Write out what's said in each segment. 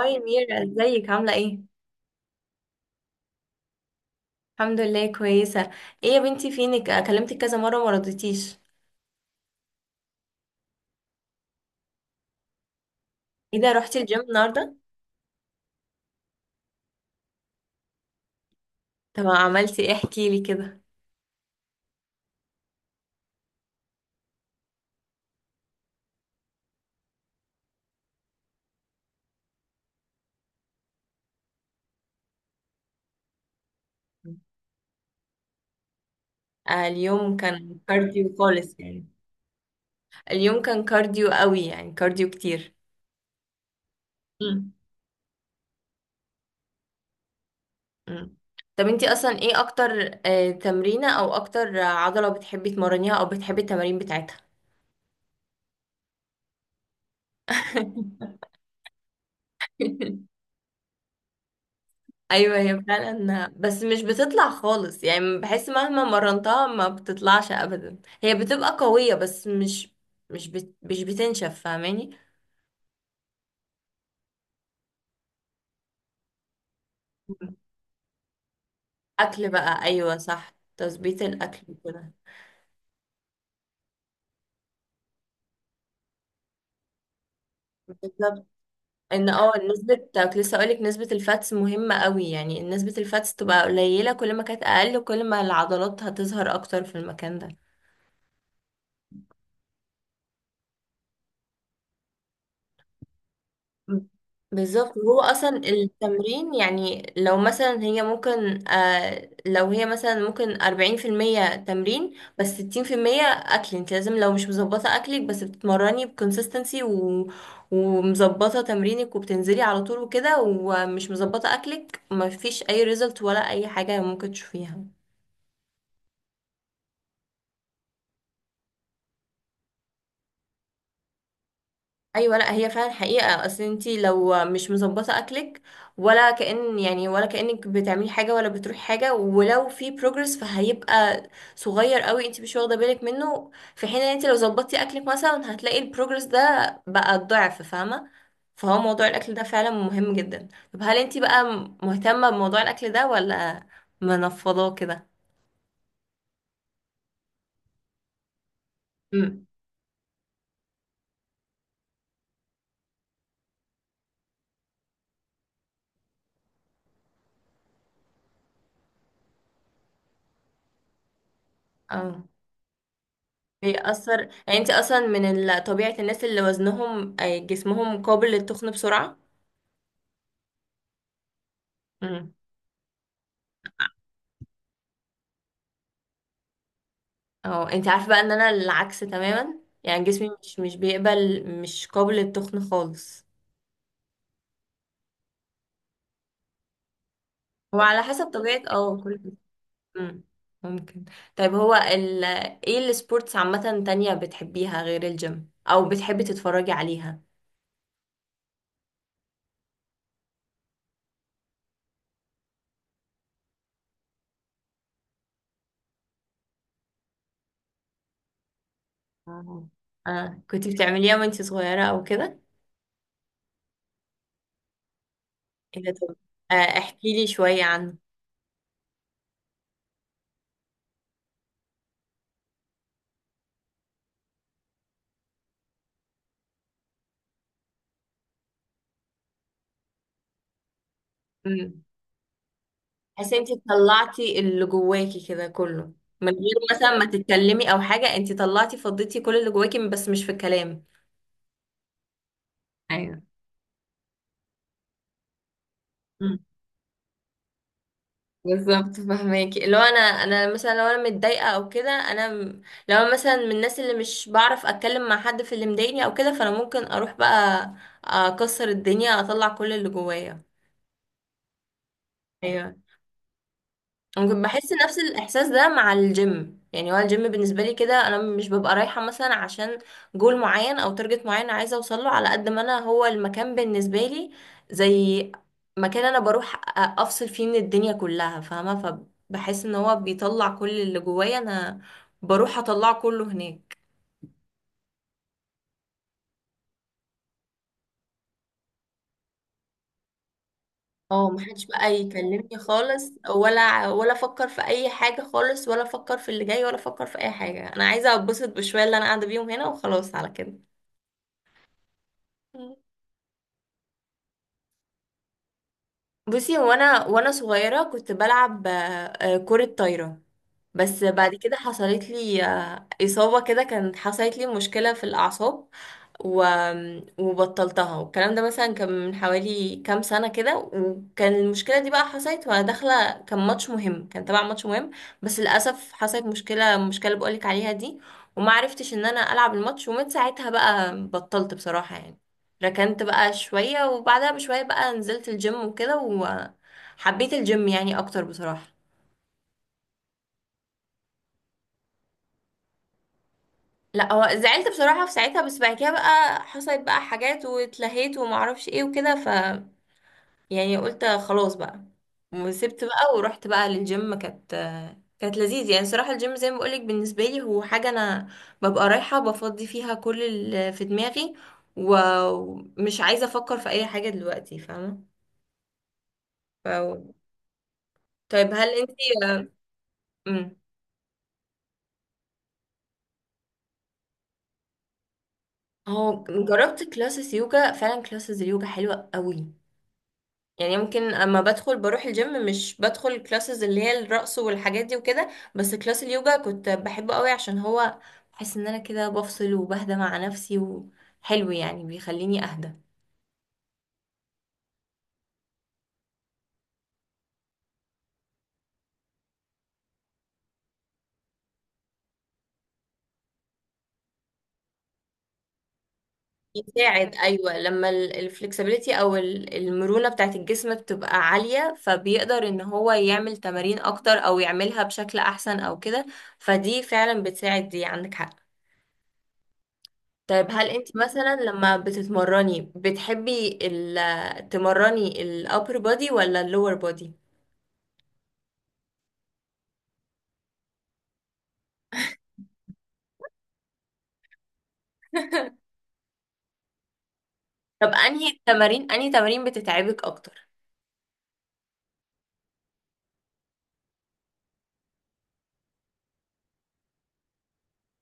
هاي ميرا، ازيك عاملة ايه؟ الحمد لله، كويسة. ايه يا بنتي فينك؟ كلمتك كذا مرة وما رضيتيش. ايه ده، رحتي الجيم النهاردة؟ طب عملتي ايه؟ احكي لي كده. آه، اليوم كان كارديو خالص يعني. اليوم كان كارديو قوي يعني، كارديو كتير. مم. مم. طب انتي اصلا ايه اكتر تمرينة او اكتر عضلة بتحبي تمرنيها او بتحبي التمارين بتاعتها؟ ايوه، هي فعلا. بس مش بتطلع خالص يعني، بحس مهما مرنتها ما بتطلعش ابدا، هي بتبقى قوية بس مش بتنشف، فاهماني. اكل بقى، ايوه صح، تظبيط الاكل كده. بالظبط. ان نسبة، كنت لسه اقولك نسبة الفاتس مهمة قوي، يعني نسبة الفاتس تبقى قليلة، كل ما كانت اقل كل ما العضلات هتظهر اكتر في المكان ده. بالظبط، هو اصلا التمرين يعني لو مثلا هي ممكن، لو هي مثلا ممكن 40% تمرين بس 60% أكل. انت لازم لو مش مظبطة أكلك بس بتتمرني بكونسستنسي ومظبطة تمرينك وبتنزلي على طول وكده، ومش مظبطة أكلك، مفيش أي ريزلت ولا أي حاجة ممكن تشوفيها. ايوه، لا هي فعلا حقيقه، اصل انتي لو مش مظبطه اكلك، ولا كأن يعني، ولا كأنك بتعملي حاجه، ولا بتروحي حاجه. ولو في بروجرس فهيبقى صغير قوي، انتي مش واخده بالك منه، في حين ان انتي لو ظبطتي اكلك مثلا هتلاقي البروجرس ده بقى الضعف، فاهمه؟ فهو موضوع الاكل ده فعلا مهم جدا. طب هل انتي بقى مهتمه بموضوع الاكل ده ولا منفضاه كده؟ امم. اه، بيأثر. يعني انتي اصلا من طبيعه الناس اللي وزنهم، جسمهم قابل للتخن بسرعه. امم. اه، انت عارفه بقى ان انا العكس تماما، يعني جسمي مش بيقبل، مش قابل للتخن خالص. هو على حسب طبيعه كل. امم، ممكن. طيب، هو ايه السبورتس عامه تانية بتحبيها غير الجيم او بتحبي تتفرجي عليها؟ آه. آه. كنت بتعمليها وانت صغيره او كده؟ ايه ده؟ طب، احكي لي شويه عنه. تحسي انت طلعتي اللي جواكي كده كله، من غير مثلا ما تتكلمي او حاجه، انت طلعتي فضيتي كل اللي جواكي بس مش في الكلام. ايوه. مم. بالظبط، فهماكي. لو انا مثلا، لو انا متضايقه او كده، لو أنا مثلا من الناس اللي مش بعرف اتكلم مع حد في اللي مضايقني او كده، فانا ممكن اروح بقى اكسر الدنيا اطلع كل اللي جوايا. ايوه. ممكن بحس نفس الاحساس ده مع الجيم، يعني هو الجيم بالنسبه لي كده انا مش ببقى رايحه مثلا عشان جول معين او تارجت معين عايزه اوصل له على قد ما انا، هو المكان بالنسبه لي زي مكان انا بروح افصل فيه من الدنيا كلها، فاهمه؟ فبحس ان هو بيطلع كل اللي جوايا، انا بروح اطلعه كله هناك. اه، محدش بقى يكلمني خالص ولا افكر في اي حاجه خالص، ولا افكر في اللي جاي، ولا افكر في اي حاجه، انا عايزه اتبسط بشويه اللي انا قاعده بيهم هنا، وخلاص على كده. بصي، هو انا وانا صغيره كنت بلعب كره طايره. بس بعد كده حصلت لي اصابه كده، كانت حصلت لي مشكله في الاعصاب، و... وبطلتها، والكلام ده مثلا كان من حوالي كام سنه كده، وكان المشكله دي بقى حصلت وانا داخله كان ماتش مهم، كان تبع ماتش مهم. بس للاسف حصلت المشكله اللي بقولك عليها دي، وما عرفتش ان انا العب الماتش، ومن ساعتها بقى بطلت بصراحه يعني. ركنت بقى شوية، وبعدها بشوية بقى نزلت الجيم وكده، حبيت الجيم يعني اكتر بصراحة. لا هو زعلت بصراحة في ساعتها، بس بعد كده بقى حصلت بقى حاجات واتلهيت ومعرفش ايه وكده، ف يعني قلت خلاص بقى، وسبت بقى ورحت بقى للجيم، كانت لذيذ يعني صراحة. الجيم زي ما بقولك بالنسبة لي هو حاجة أنا ببقى رايحة بفضي فيها كل اللي في دماغي، ومش عايزة أفكر في أي حاجة دلوقتي، فاهمة؟ ف... طيب هل انتي، آه، مم. هو جربت كلاسز يوجا فعلا، كلاسز اليوجا حلوة قوي. يعني ممكن اما بدخل بروح الجيم مش بدخل كلاسز اللي هي الرقص والحاجات دي وكده، بس كلاس اليوجا كنت بحبه قوي عشان هو، بحس ان انا كده بفصل وبهدى مع نفسي، وحلو يعني بيخليني اهدى. يساعد، ايوه. لما الفلكسبيليتي او المرونه بتاعت الجسم بتبقى عاليه، فبيقدر ان هو يعمل تمارين اكتر او يعملها بشكل احسن او كده، فدي فعلا بتساعد، دي عندك حق. طيب هل انت مثلا لما بتتمرني بتحبي تمرني ال upper body ولا ال lower body؟ طب انهي تمارين بتتعبك اكتر؟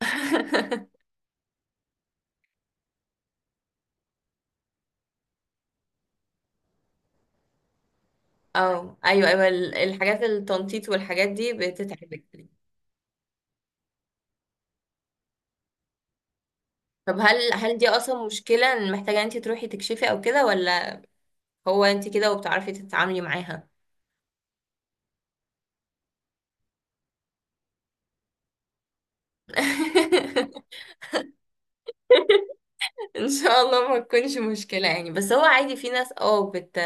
اه، ايوه ايوه، الحاجات التنطيط والحاجات دي بتتعبك. طب هل دي اصلا مشكلة إن محتاجة انت تروحي تكشفي او كده، ولا هو انت كده وبتعرفي تتعاملي معاها؟ ان شاء الله ما تكونش مشكله يعني، بس هو عادي في ناس اه بت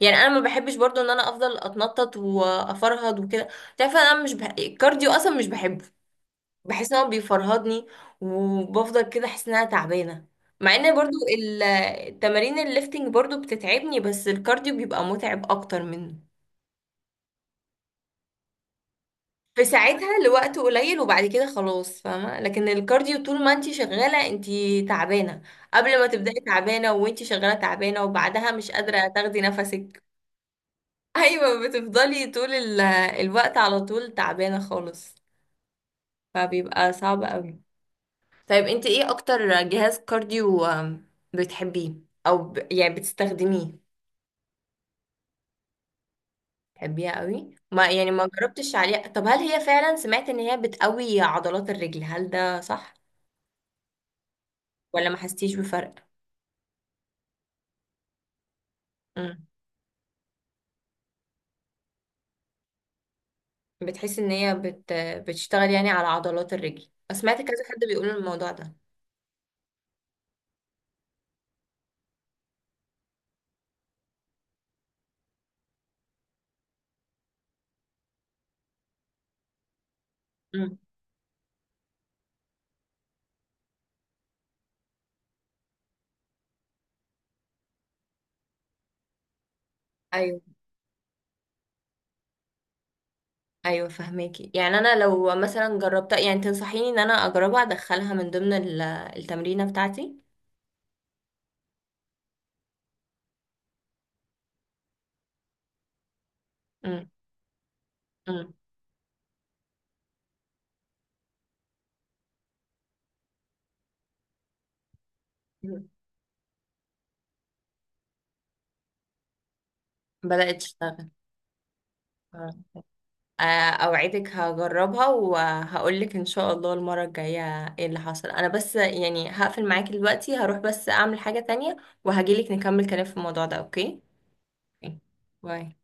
يعني انا ما بحبش برضو ان انا افضل اتنطط وافرهد وكده. تعرف، انا مش الكارديو اصلا مش بحبه، بحس ان هو بيفرهدني، وبفضل كده احس ان انا تعبانه، مع ان برضو ال- التمارين الليفتنج برضو بتتعبني، بس الكارديو بيبقى متعب اكتر منه. في ساعتها لوقت قليل وبعد كده خلاص، فاهمة؟ لكن الكارديو طول ما انتي شغالة انتي تعبانة، قبل ما تبدأي تعبانة، وانتي شغالة تعبانة، وبعدها مش قادرة تاخدي نفسك. ايوه، بتفضلي طول الوقت على طول تعبانة خالص، فبيبقى صعب قوي. طيب انتي ايه اكتر جهاز كارديو بتحبيه او يعني بتستخدميه؟ بتحبيها قوي؟ ما يعني ما جربتش عليها. طب هل هي فعلا، سمعت ان هي بتقوي عضلات الرجل، هل ده صح ولا ما حستيش بفرق؟ مم. بتحس ان هي بتشتغل يعني على عضلات الرجل، سمعت كذا حد بيقول الموضوع ده. مم. ايوه ايوه، فهماكي. يعني انا لو مثلا جربتها، يعني تنصحيني ان انا اجربها ادخلها من ضمن التمرينه بتاعتي؟ مم. مم. مم. بدأت تشتغل. آه. آه، اوعدك هجربها وهقولك ان شاء الله المره الجايه ايه اللي حصل. انا بس يعني هقفل معاكي دلوقتي، هروح بس اعمل حاجه تانية، وهجيلك نكمل كلام في الموضوع ده، اوكي؟ أوكي. باي.